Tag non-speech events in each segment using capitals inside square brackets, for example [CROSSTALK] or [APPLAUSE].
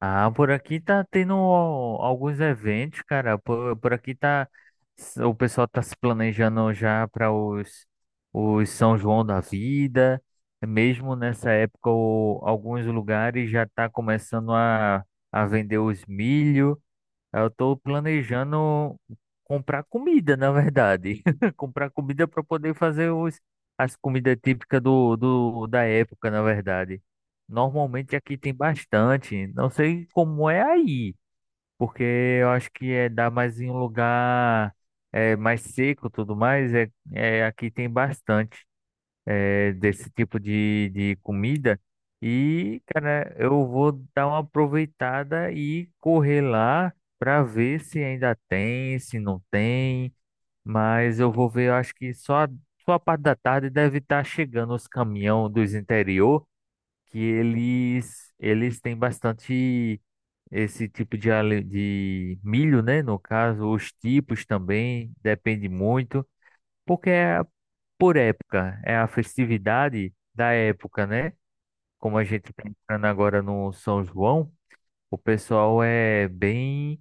Ah, por aqui tá tendo alguns eventos, cara. Por aqui tá. O pessoal tá se planejando já para os São João da Vida. Mesmo nessa época, alguns lugares já tá começando a vender os milho. Eu tô planejando comprar comida, na verdade. [LAUGHS] Comprar comida para poder fazer as comidas típicas da época, na verdade. Normalmente aqui tem bastante. Não sei como é aí, porque eu acho que é dá mais em um lugar é, mais seco, e tudo mais. Aqui tem bastante desse tipo de comida. E, cara, eu vou dar uma aproveitada e correr lá para ver se ainda tem, se não tem. Mas eu vou ver, eu acho que só a parte da tarde deve estar chegando os caminhão dos interior, que eles têm bastante esse tipo de, de milho, né? No caso, os tipos também, depende muito. Porque é por época, é a festividade da época, né? Como a gente está entrando agora no São João, o pessoal é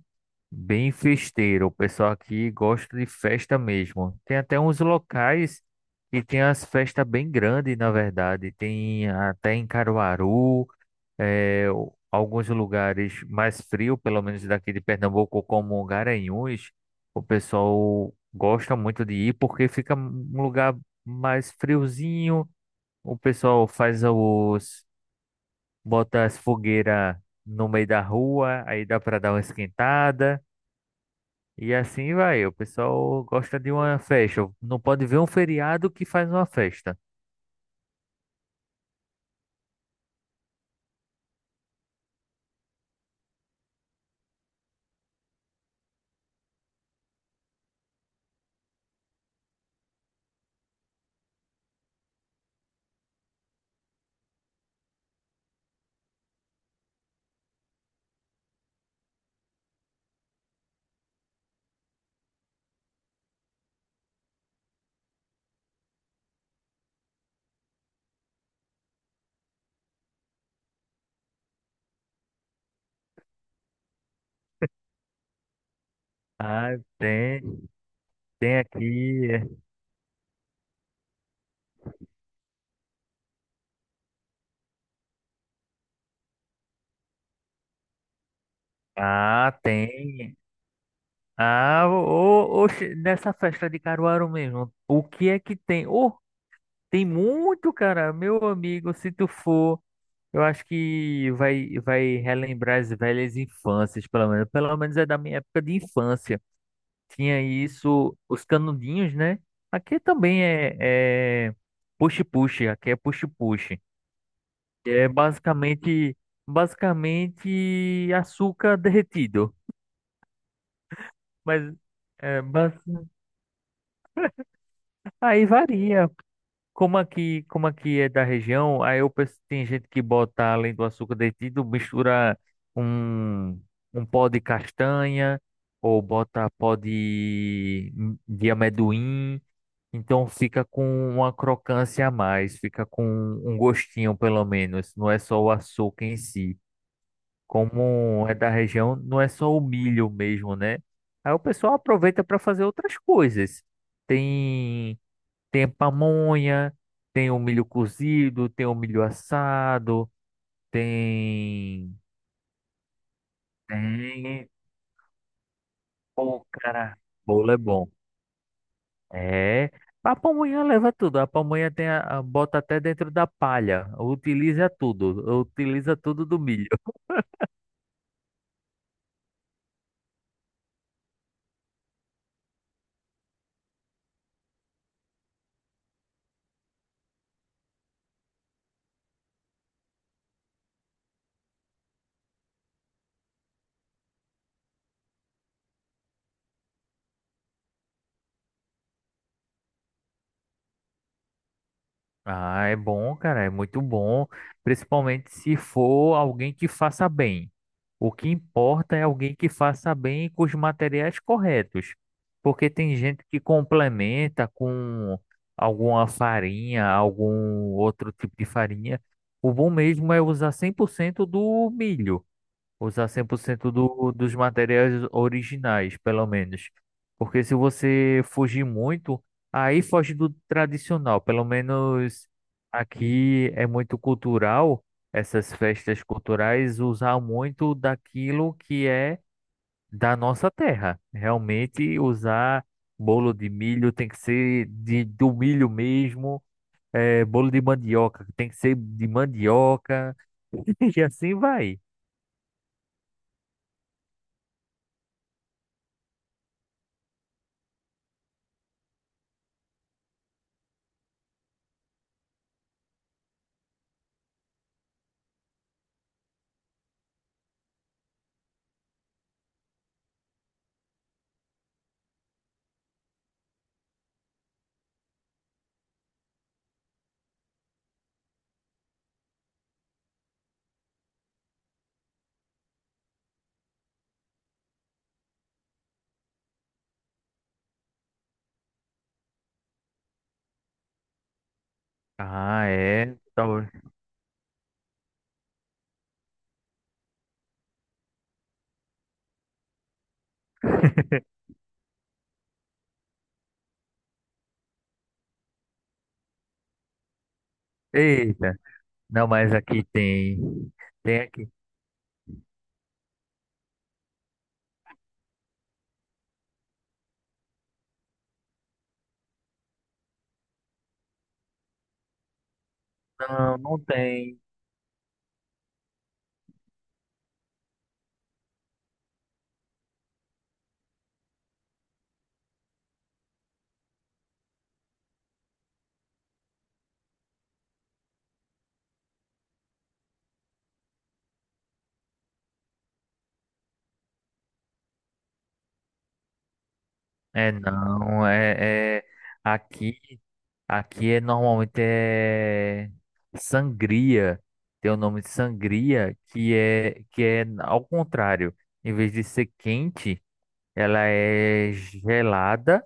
bem festeiro. O pessoal aqui gosta de festa mesmo. Tem até uns locais que tem as festas bem grandes, na verdade. Tem até em Caruaru é, alguns lugares mais frios, pelo menos daqui de Pernambuco, como Garanhuns, o pessoal gosta muito de ir porque fica um lugar mais friozinho. O pessoal faz bota as fogueiras no meio da rua, aí dá para dar uma esquentada. E assim vai, o pessoal gosta de uma festa. Não pode ver um feriado que faz uma festa. Ah, tem, tem aqui. É. Ah, tem. Ah, ô, oxe, nessa festa de Caruaru mesmo, o que é que tem? Oh, tem muito, cara, meu amigo, se tu for, eu acho que vai relembrar as velhas infâncias, pelo menos é da minha época de infância. Tinha isso, os canudinhos, né? Aqui também é puxe-puxe, aqui é puxe-puxe. É basicamente, basicamente açúcar derretido, mas é, bas- aí varia. Como aqui é da região, aí eu penso que tem gente que bota além do açúcar derretido, mistura um, um pó de castanha ou bota pó de amendoim, então fica com uma crocância a mais, fica com um gostinho pelo menos, não é só o açúcar em si. Como é da região, não é só o milho mesmo, né? Aí o pessoal aproveita para fazer outras coisas. Tem tem a pamonha, tem o milho cozido, tem o milho assado, tem. Tem. Pô, cara, bolo é bom. É. A pamonha leva tudo. A pamonha bota até dentro da palha. Utiliza tudo. Utiliza tudo do milho. Ah, é bom, cara, é muito bom, principalmente se for alguém que faça bem. O que importa é alguém que faça bem com os materiais corretos, porque tem gente que complementa com alguma farinha, algum outro tipo de farinha. O bom mesmo é usar 100% do milho. Usar cem por cento dos materiais originais, pelo menos. Porque se você fugir muito, aí foge do tradicional. Pelo menos aqui é muito cultural, essas festas culturais, usar muito daquilo que é da nossa terra. Realmente, usar bolo de milho tem que ser do milho mesmo, bolo de mandioca tem que ser de mandioca, [LAUGHS] e assim vai. Ah, é. Talvez. [LAUGHS] Eita. Não, mas aqui tem. Tem aqui. Não, não tem. É não, é, é aqui, aqui normalmente é sangria. Tem o nome de sangria que é ao contrário. Em vez de ser quente, ela é gelada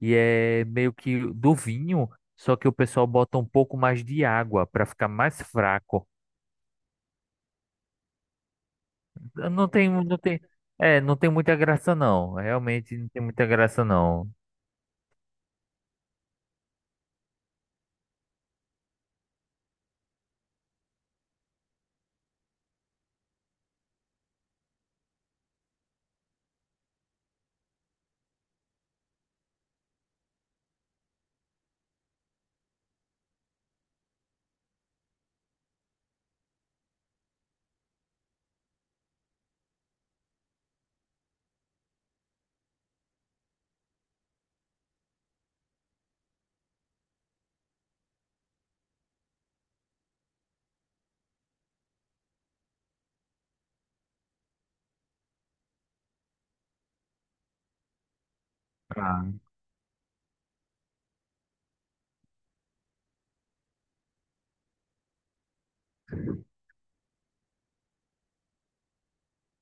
e é meio que do vinho, só que o pessoal bota um pouco mais de água para ficar mais fraco. Não tem, não tem, é, não tem muita graça não. Realmente não tem muita graça não.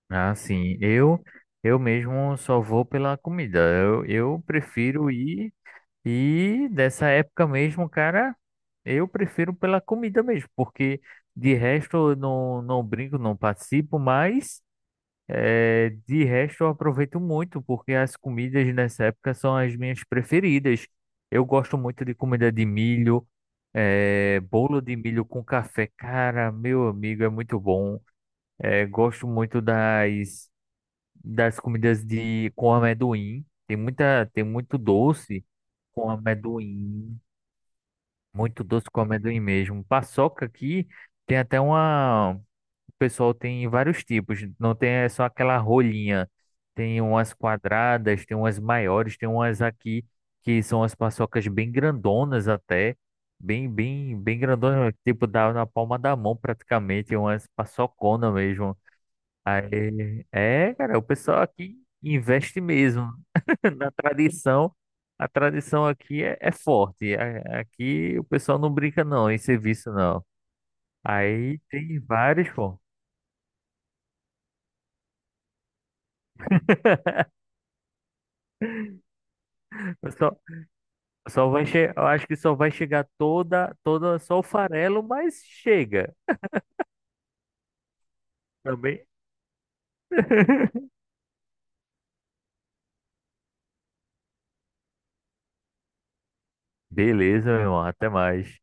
Assim, eu mesmo só vou pela comida. Eu prefiro ir e dessa época mesmo, cara, eu prefiro pela comida mesmo, porque de resto eu não brinco, não participo, mas é, de resto, eu aproveito muito, porque as comidas nessa época são as minhas preferidas. Eu gosto muito de comida de milho, é, bolo de milho com café. Cara, meu amigo, é muito bom. É, gosto muito das comidas com amendoim. Tem muito doce com amendoim. Muito doce com amendoim mesmo. Paçoca aqui tem até uma pessoal tem vários tipos, não tem é só aquela rolinha. Tem umas quadradas, tem umas maiores, tem umas aqui que são as paçocas bem grandonas até, bem grandonas, tipo dá na palma da mão praticamente, umas paçocona mesmo. Aí, é, cara, o pessoal aqui investe mesmo [LAUGHS] na tradição. A tradição aqui é forte. A- Aqui o pessoal não brinca não, em serviço não. Aí tem vários, pô. Só vai che... Eu acho que só vai chegar toda, só o farelo, mas chega também. [LAUGHS] Beleza, meu irmão. Até mais.